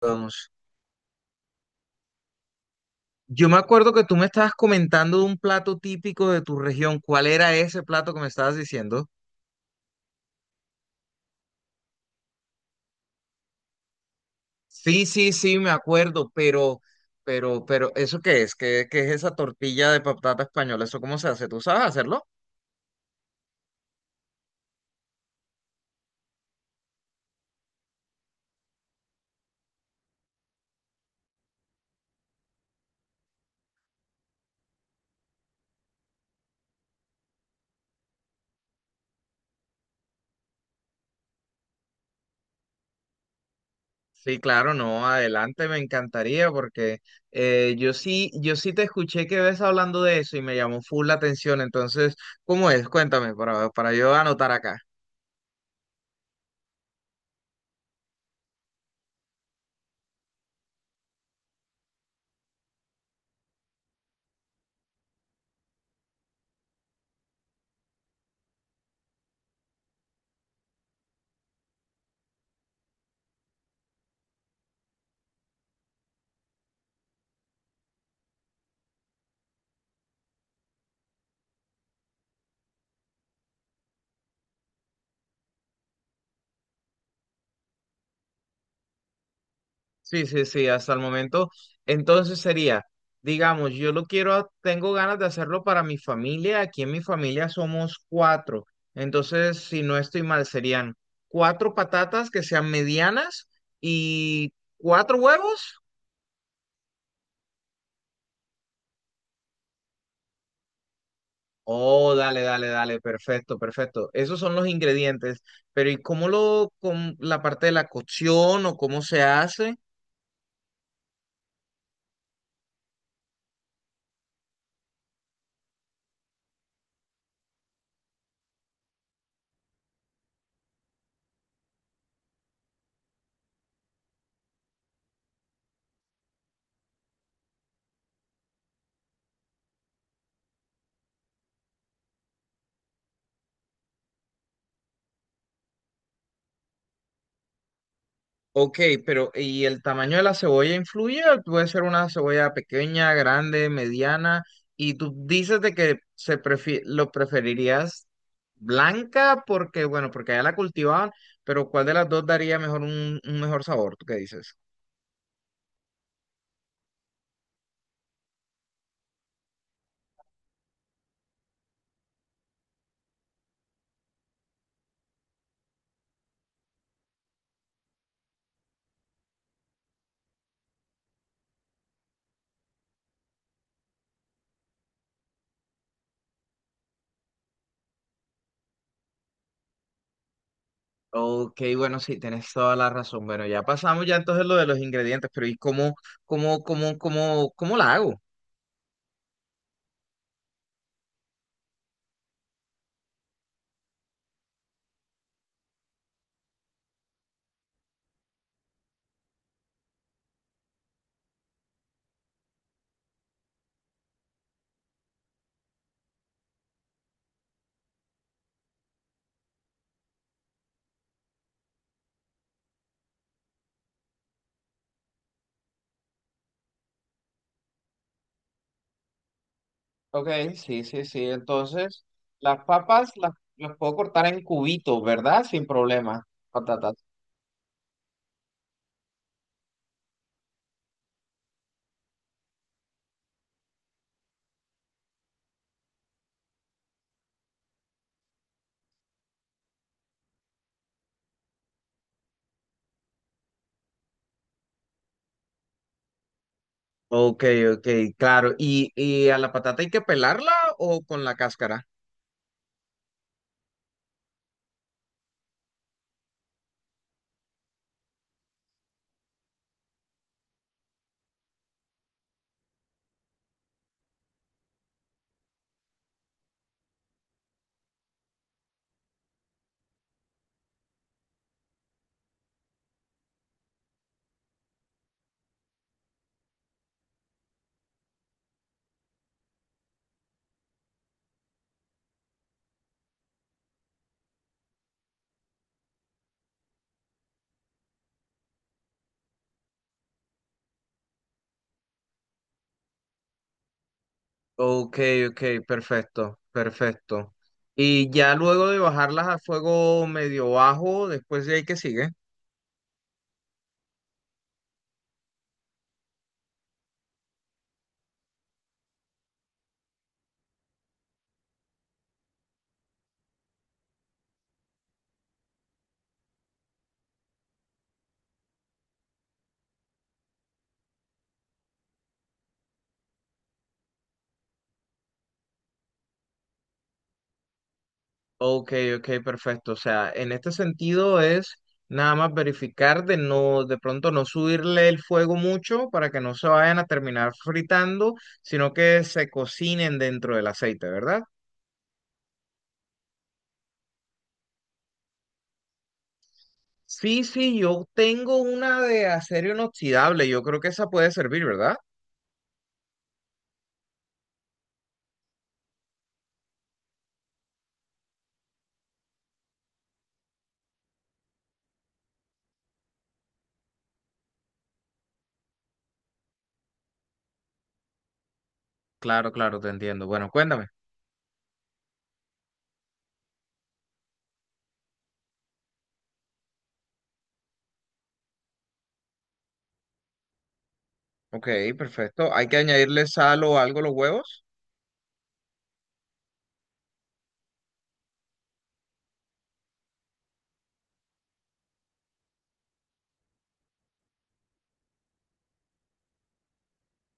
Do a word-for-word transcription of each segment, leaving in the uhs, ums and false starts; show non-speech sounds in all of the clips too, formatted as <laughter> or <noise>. Vamos. Yo me acuerdo que tú me estabas comentando de un plato típico de tu región. ¿Cuál era ese plato que me estabas diciendo? Sí, sí, sí, me acuerdo, pero, pero, pero, ¿eso qué es? ¿Qué, qué es esa tortilla de patata española? ¿Eso cómo se hace? ¿Tú sabes hacerlo? Sí, claro, no, adelante, me encantaría porque eh, yo sí, yo sí te escuché que ves hablando de eso y me llamó full la atención. Entonces, ¿cómo es? Cuéntame para, para yo anotar acá. Sí, sí, sí, hasta el momento. Entonces sería, digamos, yo lo quiero, tengo ganas de hacerlo para mi familia. Aquí en mi familia somos cuatro. Entonces, si no estoy mal, serían cuatro patatas que sean medianas y cuatro huevos. Oh, dale, dale, dale, perfecto, perfecto. Esos son los ingredientes. Pero ¿y cómo lo, con la parte de la cocción o cómo se hace? Ok, pero ¿y el tamaño de la cebolla influye? Puede ser una cebolla pequeña, grande, mediana, y tú dices de que se prefi- lo preferirías blanca porque, bueno, porque allá la cultivaban, pero ¿cuál de las dos daría mejor un, un mejor sabor? ¿Tú qué dices? Ok, bueno, sí, tienes toda la razón. Bueno, ya pasamos ya entonces lo de los ingredientes, pero ¿y cómo, cómo, cómo, cómo, cómo la hago? Ok, sí, sí, sí. Entonces, las papas las, las puedo cortar en cubitos, ¿verdad? Sin problema. Patatas. Ok, ok, claro. ¿Y, y a la patata hay que pelarla o con la cáscara? Ok, ok, perfecto, perfecto. Y ya luego de bajarlas a fuego medio bajo, después de ahí que sigue. Ok, ok, perfecto. O sea, en este sentido es nada más verificar de no, de pronto no subirle el fuego mucho para que no se vayan a terminar fritando, sino que se cocinen dentro del aceite, ¿verdad? Sí, sí, yo tengo una de acero inoxidable. Yo creo que esa puede servir, ¿verdad? Claro, claro, te entiendo. Bueno, cuéntame. Ok, perfecto. ¿Hay que añadirle sal o algo a los huevos?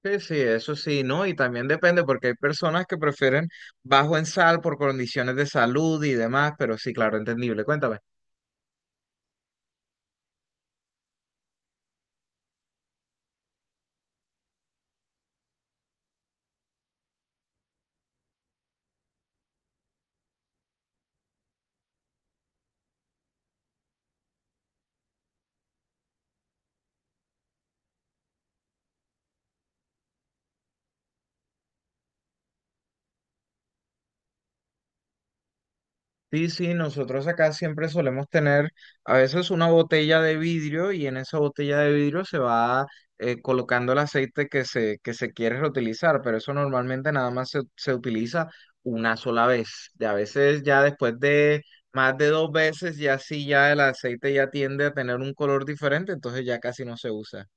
Sí, sí, eso sí, ¿no? Y también depende porque hay personas que prefieren bajo en sal por condiciones de salud y demás, pero sí, claro, entendible. Cuéntame. Sí, sí, nosotros acá siempre solemos tener a veces una botella de vidrio y en esa botella de vidrio se va eh, colocando el aceite que se, que se quiere reutilizar, pero eso normalmente nada más se, se utiliza una sola vez. Y a veces ya después de más de dos veces ya sí, ya el aceite ya tiende a tener un color diferente, entonces ya casi no se usa.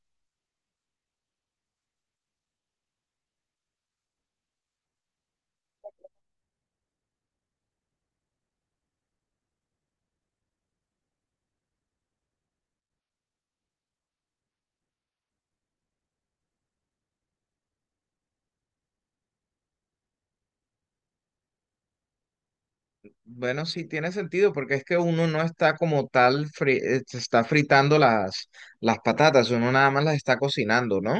Bueno, sí tiene sentido, porque es que uno no está como tal, fri- eh, se está fritando las, las patatas, uno nada más las está cocinando, ¿no?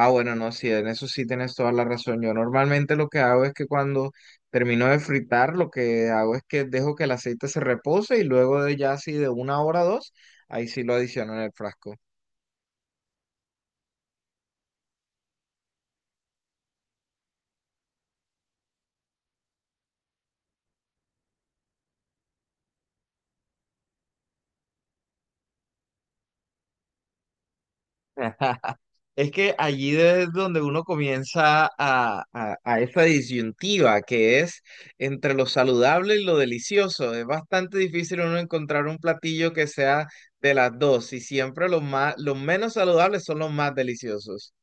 Ah, bueno, no, sí, en eso sí tienes toda la razón. Yo normalmente lo que hago es que cuando termino de fritar, lo que hago es que dejo que el aceite se repose y luego de ya así de una hora o dos, ahí sí lo adiciono en el frasco. <laughs> Es que allí es donde uno comienza a, a- a esa disyuntiva que es entre lo saludable y lo delicioso. Es bastante difícil uno encontrar un platillo que sea de las dos y siempre los más, los menos saludables son los más deliciosos.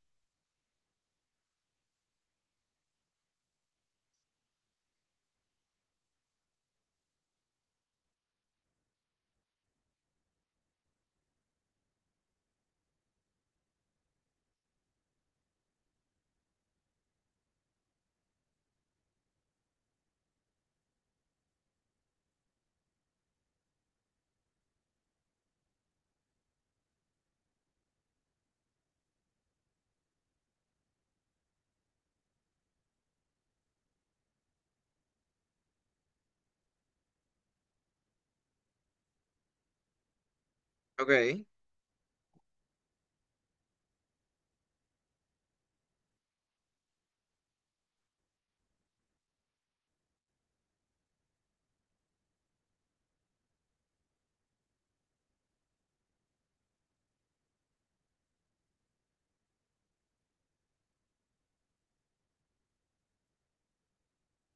Ok.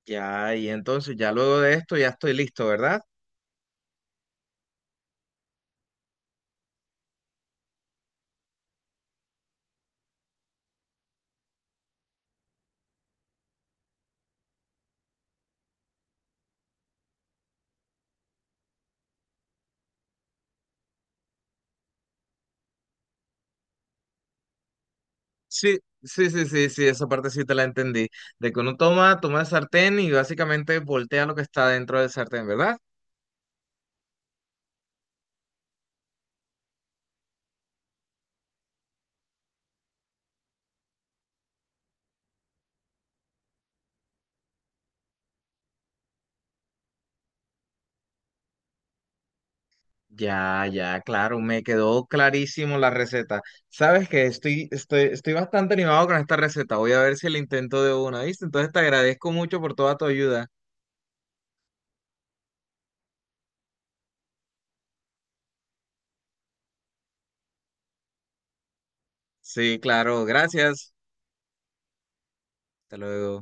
Ya, y entonces ya luego de esto ya estoy listo, ¿verdad? Sí, sí, sí, sí, sí, esa parte sí te la entendí. De que uno toma, toma el sartén y básicamente voltea lo que está dentro del sartén, ¿verdad? Ya, ya, claro, me quedó clarísimo la receta. Sabes que estoy, estoy, estoy bastante animado con esta receta. Voy a ver si la intento de una, ¿viste? Entonces te agradezco mucho por toda tu ayuda. Sí, claro, gracias. Hasta luego.